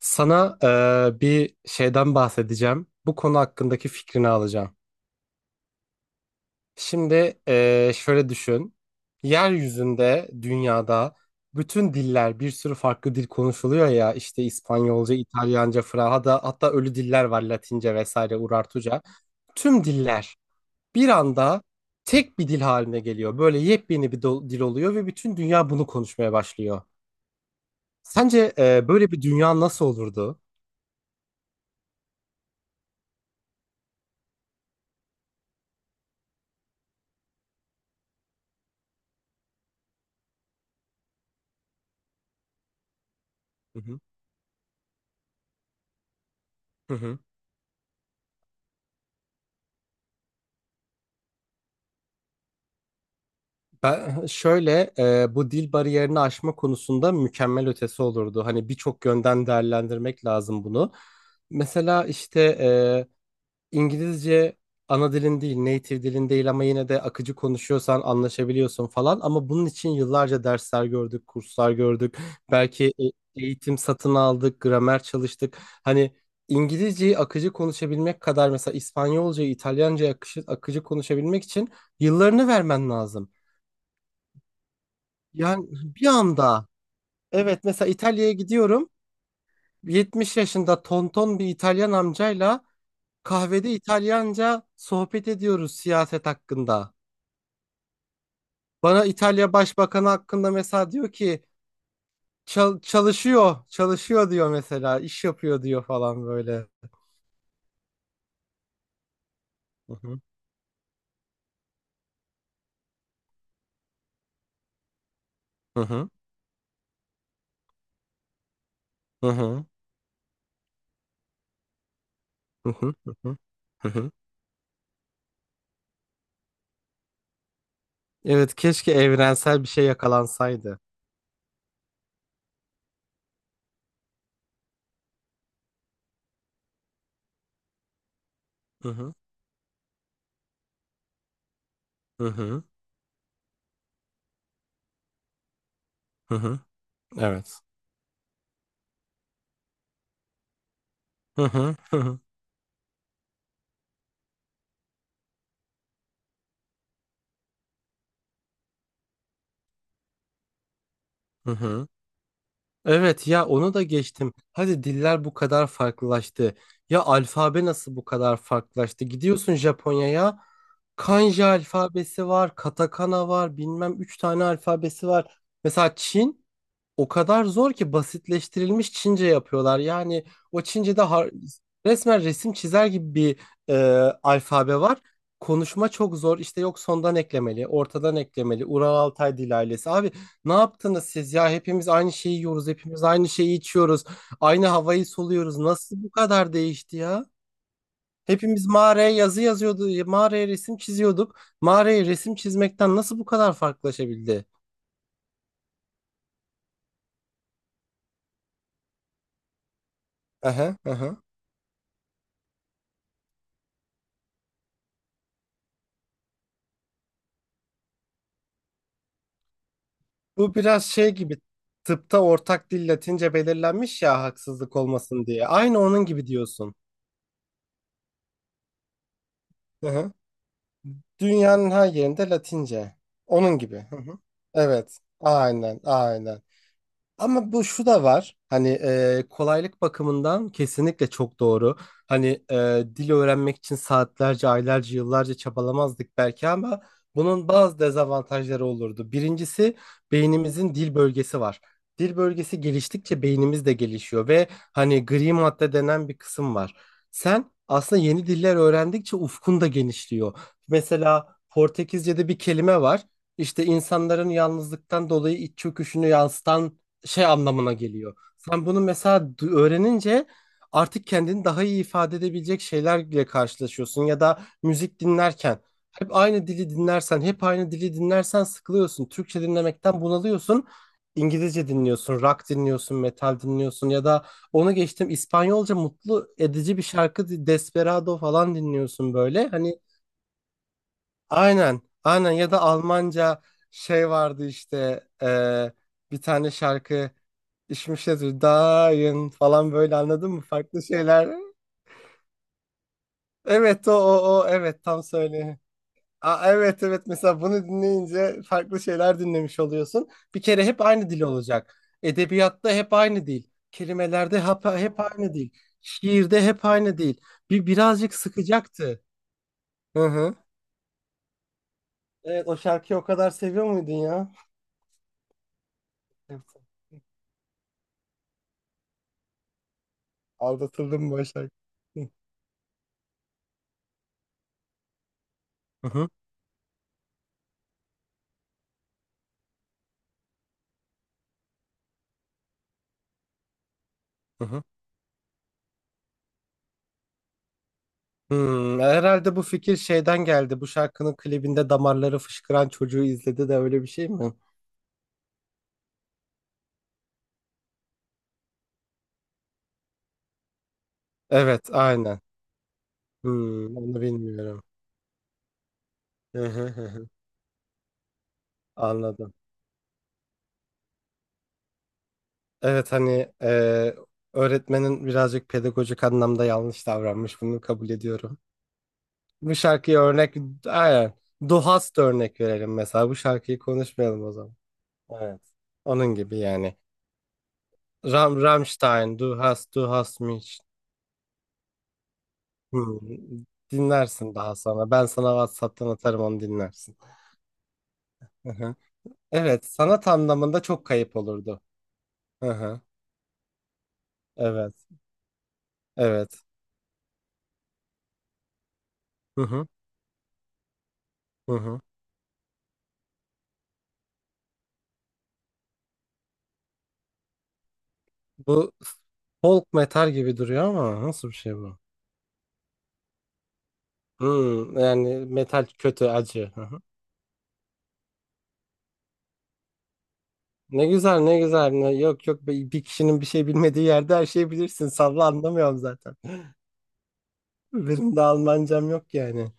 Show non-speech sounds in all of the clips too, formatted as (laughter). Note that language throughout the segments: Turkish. Sana bir şeyden bahsedeceğim. Bu konu hakkındaki fikrini alacağım. Şimdi şöyle düşün. Yeryüzünde, dünyada bütün diller, bir sürü farklı dil konuşuluyor ya. İşte İspanyolca, İtalyanca, Fransızca, hatta ölü diller var Latince vesaire, Urartuca. Tüm diller bir anda tek bir dil haline geliyor. Böyle yepyeni bir dil oluyor ve bütün dünya bunu konuşmaya başlıyor. Sence böyle bir dünya nasıl olurdu? Hı hı. Hı hı. Ben (laughs) şöyle bu dil bariyerini aşma konusunda mükemmel ötesi olurdu. Hani birçok yönden değerlendirmek lazım bunu. Mesela işte İngilizce ana dilin değil, native dilin değil ama yine de akıcı konuşuyorsan anlaşabiliyorsun falan. Ama bunun için yıllarca dersler gördük, kurslar gördük. Belki eğitim satın aldık, gramer çalıştık. Hani İngilizceyi akıcı konuşabilmek kadar mesela İspanyolcayı, İtalyancayı akıcı konuşabilmek için yıllarını vermen lazım. Yani bir anda, evet, mesela İtalya'ya gidiyorum. 70 yaşında tonton bir İtalyan amcayla kahvede İtalyanca sohbet ediyoruz siyaset hakkında. Bana İtalya Başbakanı hakkında mesela diyor ki: çalışıyor, çalışıyor" diyor mesela, "iş yapıyor" diyor falan böyle. Hı hı. Hı hı. Hı hı. Hı hı. Hı hı. Hı hı. Evet, keşke evrensel bir şey yakalansaydı. Hı hı. Hı hı. Hı hı. Evet. Hı hı. Hı hı. Hı hı. Evet ya, onu da geçtim. Hadi diller bu kadar farklılaştı. Ya alfabe nasıl bu kadar farklılaştı? Gidiyorsun Japonya'ya. Kanji alfabesi var, katakana var, bilmem üç tane alfabesi var. Mesela Çin o kadar zor ki basitleştirilmiş Çince yapıyorlar. Yani o Çince'de resmen resim çizer gibi bir e, alfabe var. Konuşma çok zor. İşte yok sondan eklemeli, ortadan eklemeli. Ural Altay dil ailesi. Abi, ne yaptınız siz ya? Hepimiz aynı şeyi yiyoruz, hepimiz aynı şeyi içiyoruz. Aynı havayı soluyoruz. Nasıl bu kadar değişti ya? Hepimiz mağaraya yazı yazıyordu, mağaraya resim çiziyorduk. Mağaraya resim çizmekten nasıl bu kadar farklılaşabildi? Aha, aha. Bu biraz şey gibi, tıpta ortak dil Latince belirlenmiş ya, haksızlık olmasın diye. Aynı onun gibi diyorsun. Hı hı. Dünyanın her yerinde Latince. Onun gibi. Hı hı. Evet. Aynen, aynen. Ama bu şu da var. Hani kolaylık bakımından kesinlikle çok doğru. Hani dil öğrenmek için saatlerce, aylarca, yıllarca çabalamazdık belki, ama bunun bazı dezavantajları olurdu. Birincisi, beynimizin dil bölgesi var. Dil bölgesi geliştikçe beynimiz de gelişiyor ve hani gri madde denen bir kısım var. Sen aslında yeni diller öğrendikçe ufkun da genişliyor. Mesela Portekizce'de bir kelime var. İşte insanların yalnızlıktan dolayı iç çöküşünü yansıtan şey anlamına geliyor. Sen bunu mesela öğrenince artık kendini daha iyi ifade edebilecek şeylerle karşılaşıyorsun, ya da müzik dinlerken hep aynı dili dinlersen, hep aynı dili dinlersen sıkılıyorsun. Türkçe dinlemekten bunalıyorsun. İngilizce dinliyorsun, rock dinliyorsun, metal dinliyorsun ya da onu geçtim, İspanyolca mutlu edici bir şarkı, Desperado falan dinliyorsun böyle. Hani aynen, aynen, ya da Almanca şey vardı işte bir tane şarkı, İşmiş yazıyor, Dayın falan böyle, anladın mı? Farklı şeyler. Evet, o o o evet, tam söyle. Aa, evet evet, mesela bunu dinleyince farklı şeyler dinlemiş oluyorsun. Bir kere hep aynı dil olacak. Edebiyatta hep aynı dil. Kelimelerde hep aynı dil. Şiirde hep aynı dil. Birazcık sıkacaktı. Hı hı. Evet, o şarkıyı o kadar seviyor muydun ya? Evet. Aldatıldım bu şarkı. Hı hı. Hı hı. Hmm, herhalde bu fikir şeyden geldi. Bu şarkının klibinde damarları fışkıran çocuğu izledi de öyle bir şey mi? Evet, aynen. Hmm, onu bilmiyorum. Hı hı hı hı. Anladım. Evet, hani öğretmenin birazcık pedagojik anlamda yanlış davranmış. Bunu kabul ediyorum. Bu şarkıya örnek, aynen. Duhast örnek verelim mesela. Bu şarkıyı konuşmayalım o zaman. Evet. Onun gibi yani. Ram, Rammstein, Du hast, du hast mich. Hmm, dinlersin daha sonra. Ben sana WhatsApp'tan atarım, onu dinlersin. Hı hı. Evet, sanat anlamında çok kayıp olurdu. Hı hı. Evet, evet. Hı hı. Hı hı. Bu folk metal gibi duruyor ama nasıl bir şey bu? Hmm, yani metal kötü, acı. Hı hı. Ne güzel, ne güzel. Ne, yok yok, bir kişinin bir şey bilmediği yerde her şeyi bilirsin. Salla, anlamıyorum zaten. (laughs) Benim de Almancam yok yani.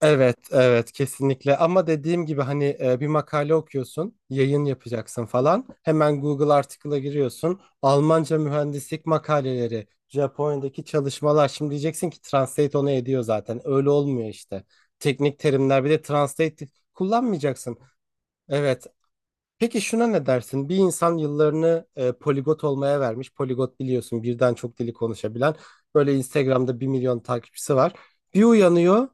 Evet, evet kesinlikle, ama dediğim gibi hani bir makale okuyorsun, yayın yapacaksın falan. Hemen Google Article'a giriyorsun. Almanca mühendislik makaleleri, Japonya'daki çalışmalar. Şimdi diyeceksin ki Translate onu ediyor zaten. Öyle olmuyor işte. Teknik terimler, bir de Translate kullanmayacaksın. Evet. Peki şuna ne dersin? Bir insan yıllarını poligot olmaya vermiş. Poligot biliyorsun, birden çok dili konuşabilen. Böyle Instagram'da 1 milyon takipçisi var. Bir uyanıyor.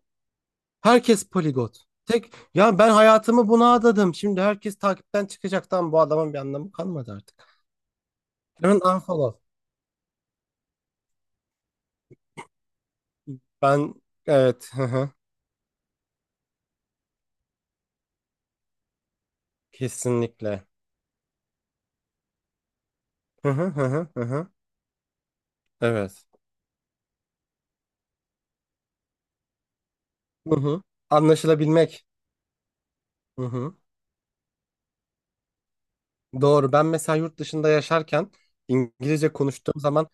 Herkes poligot. Tek ya, ben hayatımı buna adadım. Şimdi herkes takipten çıkacak. Tamam, bu adamın bir anlamı kalmadı artık. Hemen unfollow. Ben, evet, hı hı. Kesinlikle. Hı hı hı hı hı. Hı. Evet. Hı hı. Anlaşılabilmek. Hı hı. Doğru. Ben mesela yurt dışında yaşarken, İngilizce konuştuğum zaman,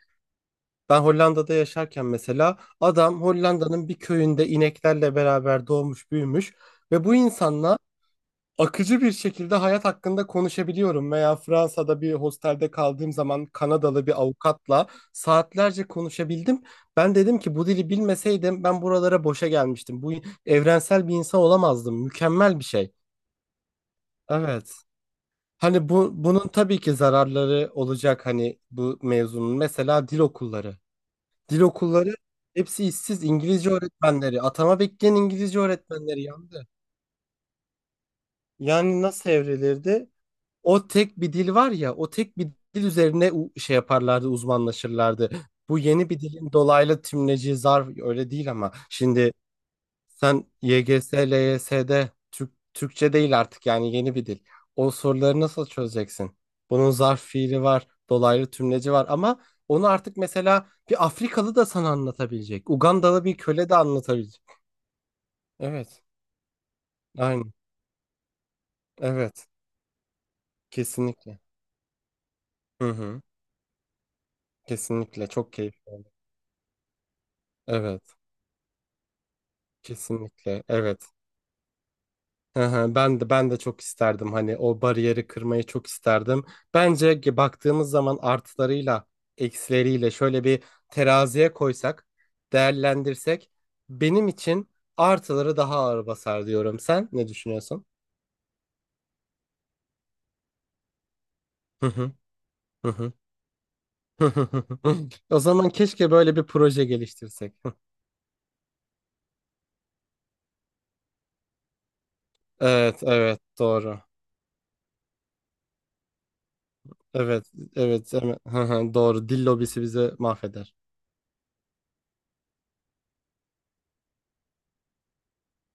ben Hollanda'da yaşarken mesela, adam Hollanda'nın bir köyünde ineklerle beraber doğmuş büyümüş ve bu insanla akıcı bir şekilde hayat hakkında konuşabiliyorum. Veya Fransa'da bir hostelde kaldığım zaman Kanadalı bir avukatla saatlerce konuşabildim. Ben dedim ki bu dili bilmeseydim ben buralara boşa gelmiştim. Bu evrensel bir insan olamazdım. Mükemmel bir şey. Evet. Hani bu, bunun tabii ki zararları olacak, hani bu mevzunun. Mesela dil okulları. Dil okulları, hepsi işsiz İngilizce öğretmenleri. Atama bekleyen İngilizce öğretmenleri yandı. Yani nasıl evrilirdi? O tek bir dil var ya, o tek bir dil üzerine şey yaparlardı, uzmanlaşırlardı. Bu yeni bir dilin dolaylı tümleci, zarf, öyle değil ama, şimdi sen YGS, LYS'de Türk, Türkçe değil artık yani, yeni bir dil. O soruları nasıl çözeceksin? Bunun zarf fiili var, dolaylı tümleci var ama onu artık mesela bir Afrikalı da sana anlatabilecek. Ugandalı bir köle de anlatabilecek. Evet, aynı. Evet, kesinlikle. Hı hı, kesinlikle çok keyif. Evet. Kesinlikle evet. Hı hı. Ben de çok isterdim, hani o bariyeri kırmayı çok isterdim. Bence ki baktığımız zaman artılarıyla eksileriyle, şöyle bir teraziye koysak, değerlendirsek, benim için artıları daha ağır basar diyorum. Sen ne düşünüyorsun? Hı hı, hı hı. (laughs) O zaman keşke böyle bir proje geliştirsek. (laughs) Evet, evet, doğru. Evet, evet, evet, evet. Hı hı, doğru. Dil lobisi bizi mahveder.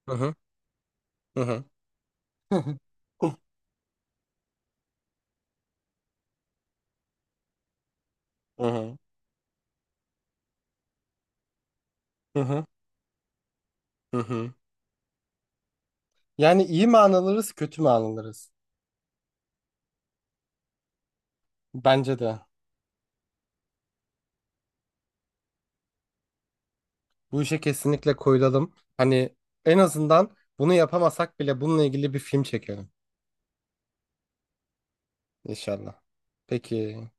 Hı hı, hı hı. (laughs) Hı hı. Hı hı. Hı hı. Yani iyi mi anılırız, kötü mü anılırız? Bence de. Bu işe kesinlikle koyulalım. Hani en azından bunu yapamasak bile bununla ilgili bir film çekelim. İnşallah. Peki.